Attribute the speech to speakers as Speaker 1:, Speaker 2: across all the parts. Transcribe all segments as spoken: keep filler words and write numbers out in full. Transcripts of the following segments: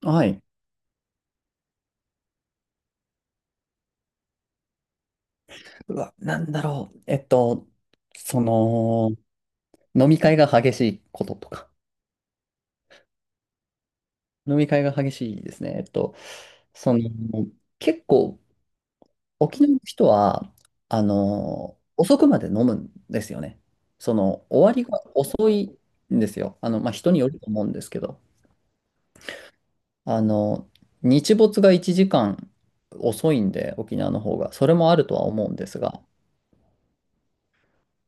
Speaker 1: はい。うわ、なんだろう。えっと、その、飲み会が激しいこととか。飲み会が激しいですね。えっと、その、結構、沖縄の人は、あの、遅くまで飲むんですよね。その、終わりが遅いんですよ。あの、まあ、人によると思うんですけど、あの、日没がいちじかん遅いんで、沖縄の方が。それもあるとは思うんですが、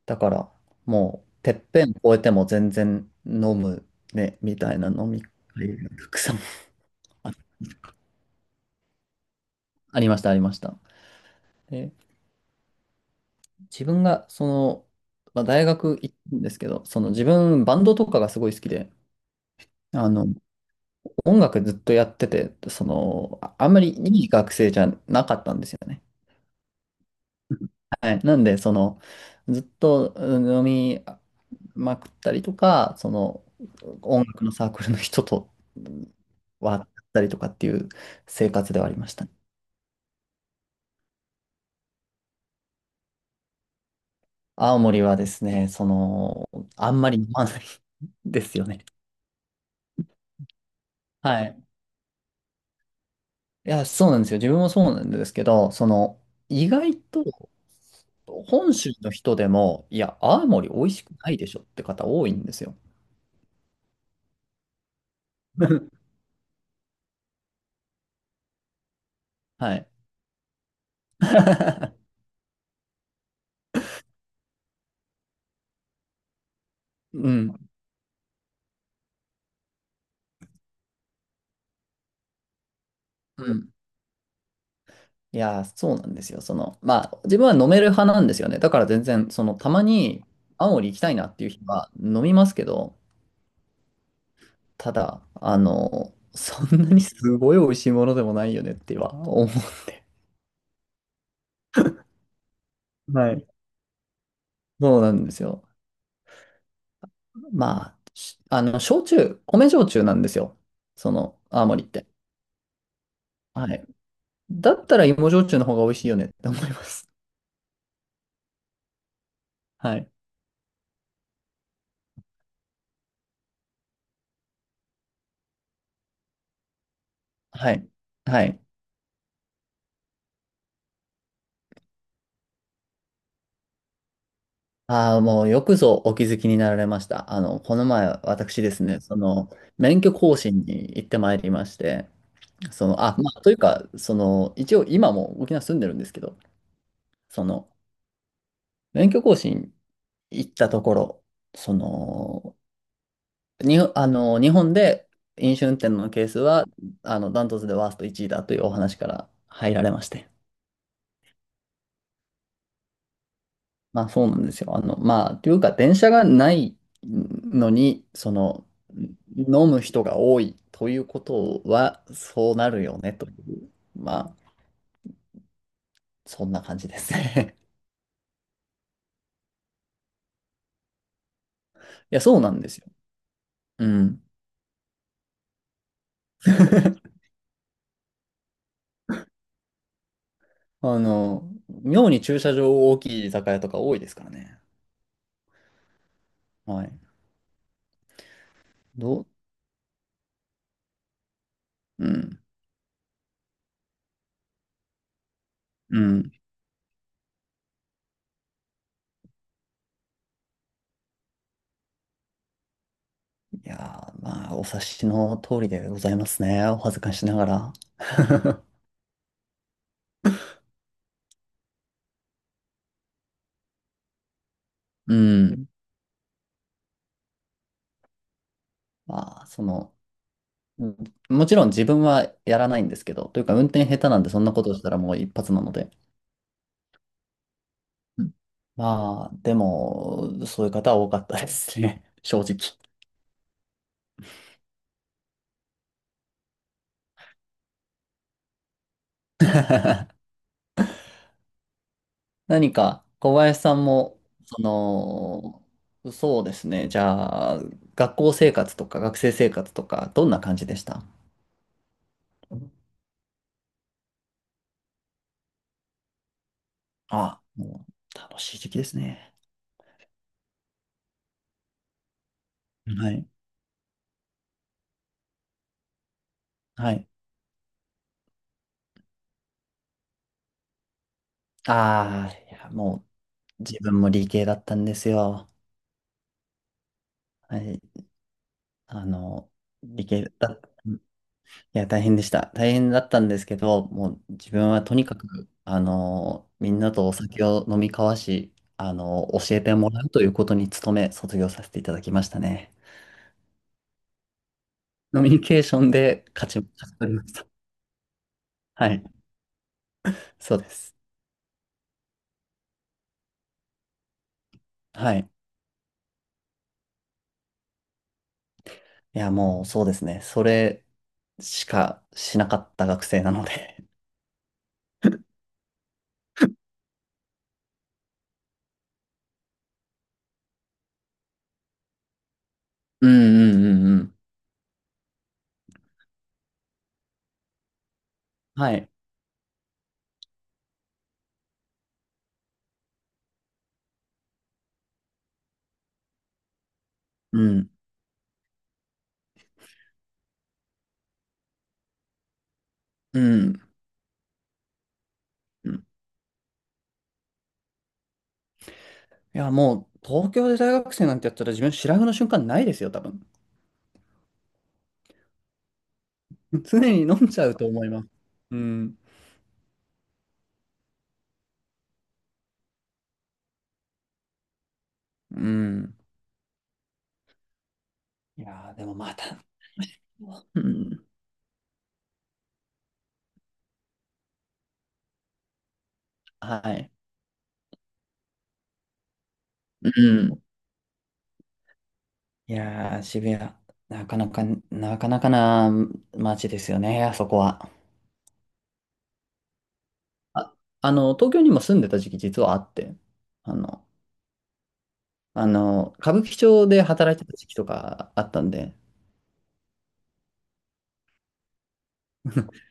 Speaker 1: だから、もう、てっぺん越えても全然飲むね、みたいな飲み会がたくさんあ、ありました、ありました。で、自分が、その、まあ、大学行ったんですけど、その自分、バンドとかがすごい好きで、あの、音楽ずっとやってて、その、ああんまりいい学生じゃなかったんですよね。はい。なんで、その、ずっとうん飲みまくったりとか、その、音楽のサークルの人とはあったりとかっていう生活ではありましたね。青森はですね、その、あんまり飲まない ですよね。はい。いや、そうなんですよ。自分もそうなんですけど、その、意外と、本州の人でも、いや、青森美味しくないでしょって方多いんですよ。はい。うん。うん。いや、そうなんですよ。その、まあ、自分は飲める派なんですよね。だから全然、その、たまに青森行きたいなっていう日は飲みますけど、ただ、あの、そんなにすごい美味しいものでもないよねっては思う。はい。そうなんですよ。まあ、しあの、焼酎、米焼酎なんですよ。その、青森って。はい。だったら芋焼酎の方が美味しいよねって思います。はい。はい。はい。ああ、もうよくぞお気づきになられました。あの、この前、私ですね、その、免許更新に行ってまいりまして、その、あ、まあ、というか、その、一応今も沖縄住んでるんですけど、その、免許更新行ったところ、その、に、あの、日本で飲酒運転のケースは、あの、ダントツでワーストいちいだというお話から入られまして。まあそうなんですよ。あの、まあ、というか、電車がないのに、その、飲む人が多いということは、そうなるよね、という、まあ、そんな感じですね。いや、そうなんですよ。うん。あの、妙に駐車場大きい居酒屋とか多いですからね。はい。どう、うん、うん。いやー、まあ、お察しの通りでございますね。お恥ずかしながら。うん。まあ、その、うんもちろん自分はやらないんですけど、というか運転下手なんでそんなことしたらもういっぱつなので。うんまあ、でも、そういう方は多かったですね。正直。何か、小林さんも、その、そうですね。じゃあ、学校生活とか学生生活とか、どんな感じでした？あ、もう楽しい時期ですね。はい。はい。ああ、いや、もう自分も理系だったんですよ。はい。あの、理系だった。いや、大変でした。大変だったんですけど、もう自分はとにかく、あの、みんなとお酒を飲み交わし、あの、教えてもらうということに努め、卒業させていただきましたね。コミュニケーションで勝ち、勝ち取りました。はい。そうです。はい。いや、もうそうですね。それしかしなかった学生なので。うんうんうんうん。はい。うん。うん。うんいや、もう東京で大学生なんてやったら自分白髪の瞬間ないですよ、多分。常に飲んじゃうと思います。うん。うん。いやー、でもまた。うん。はい。うん。いやー、渋谷、なかなか、なかなかな街ですよね、あそこは。あ、あの、東京にも住んでた時期実はあって、あの、あの、歌舞伎町で働いてた時期とかあったんで、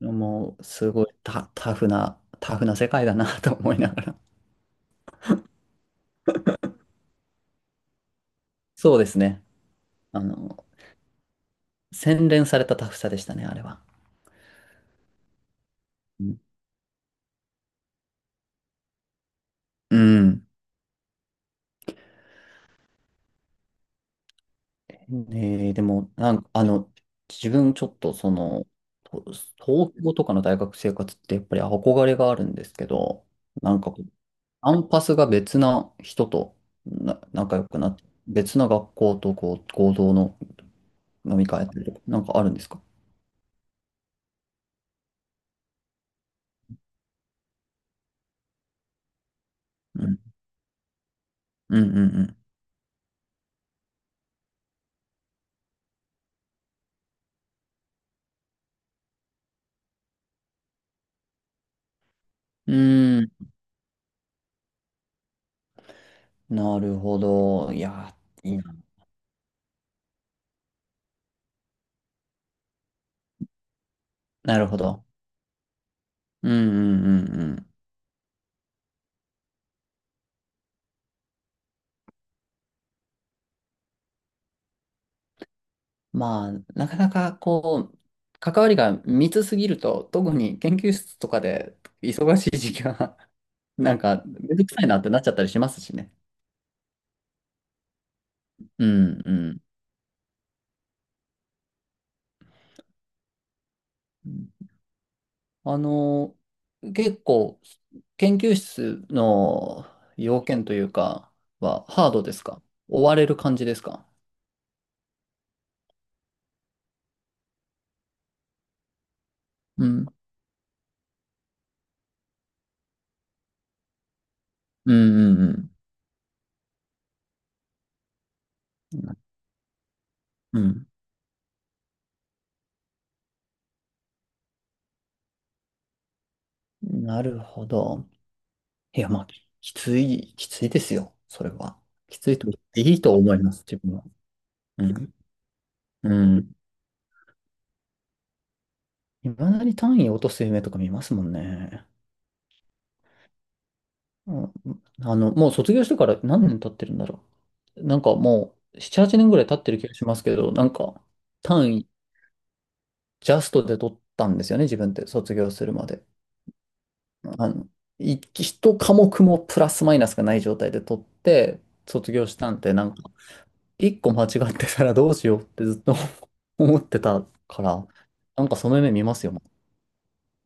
Speaker 1: もうすごいタ、タフな、タフな世界だなと思いながら。そうですね。あの、洗練されたタフさでしたね、あれは。うん。うんえーでも、なんか、あの、自分ちょっとその、と東京とかの大学生活ってやっぱり憧れがあるんですけど、なんかこう、アンパスが別な人とな仲良くなって、別な学校とこう合同の飲み会やったりとか、なんかあるんですか？うん。うんうんうん。うーん。なるほど。いや、いいな。なるほど。うんうんうんうん。まあ、なかなかこう、関わりが密すぎると、特に研究室とかで忙しい時期は、なんか、めんどくさいなってなっちゃったりしますしね。うんうん。あの、結構、研究室の要件というかは、ハードですか？追われる感じですか？うん。うんうんうん。うん、なるほど。いや、まあ、ききつい、きついですよ。それは。きついと言っていいと思います、自分は。うん。うん。いまだに単位落とす夢とか見ますもんね。うん、あの、もう卒業してから何年経ってるんだろう。なんかもう、なな、はちねんぐらい経ってる気がしますけど、なんか、単位、ジャストで取ったんですよね、自分って、卒業するまで。あの、いいっかもくもプラスマイナスがない状態で取って、卒業したんで、なんか、いっこ間違ってたらどうしようってずっと 思ってたから、なんかその夢見ますよ、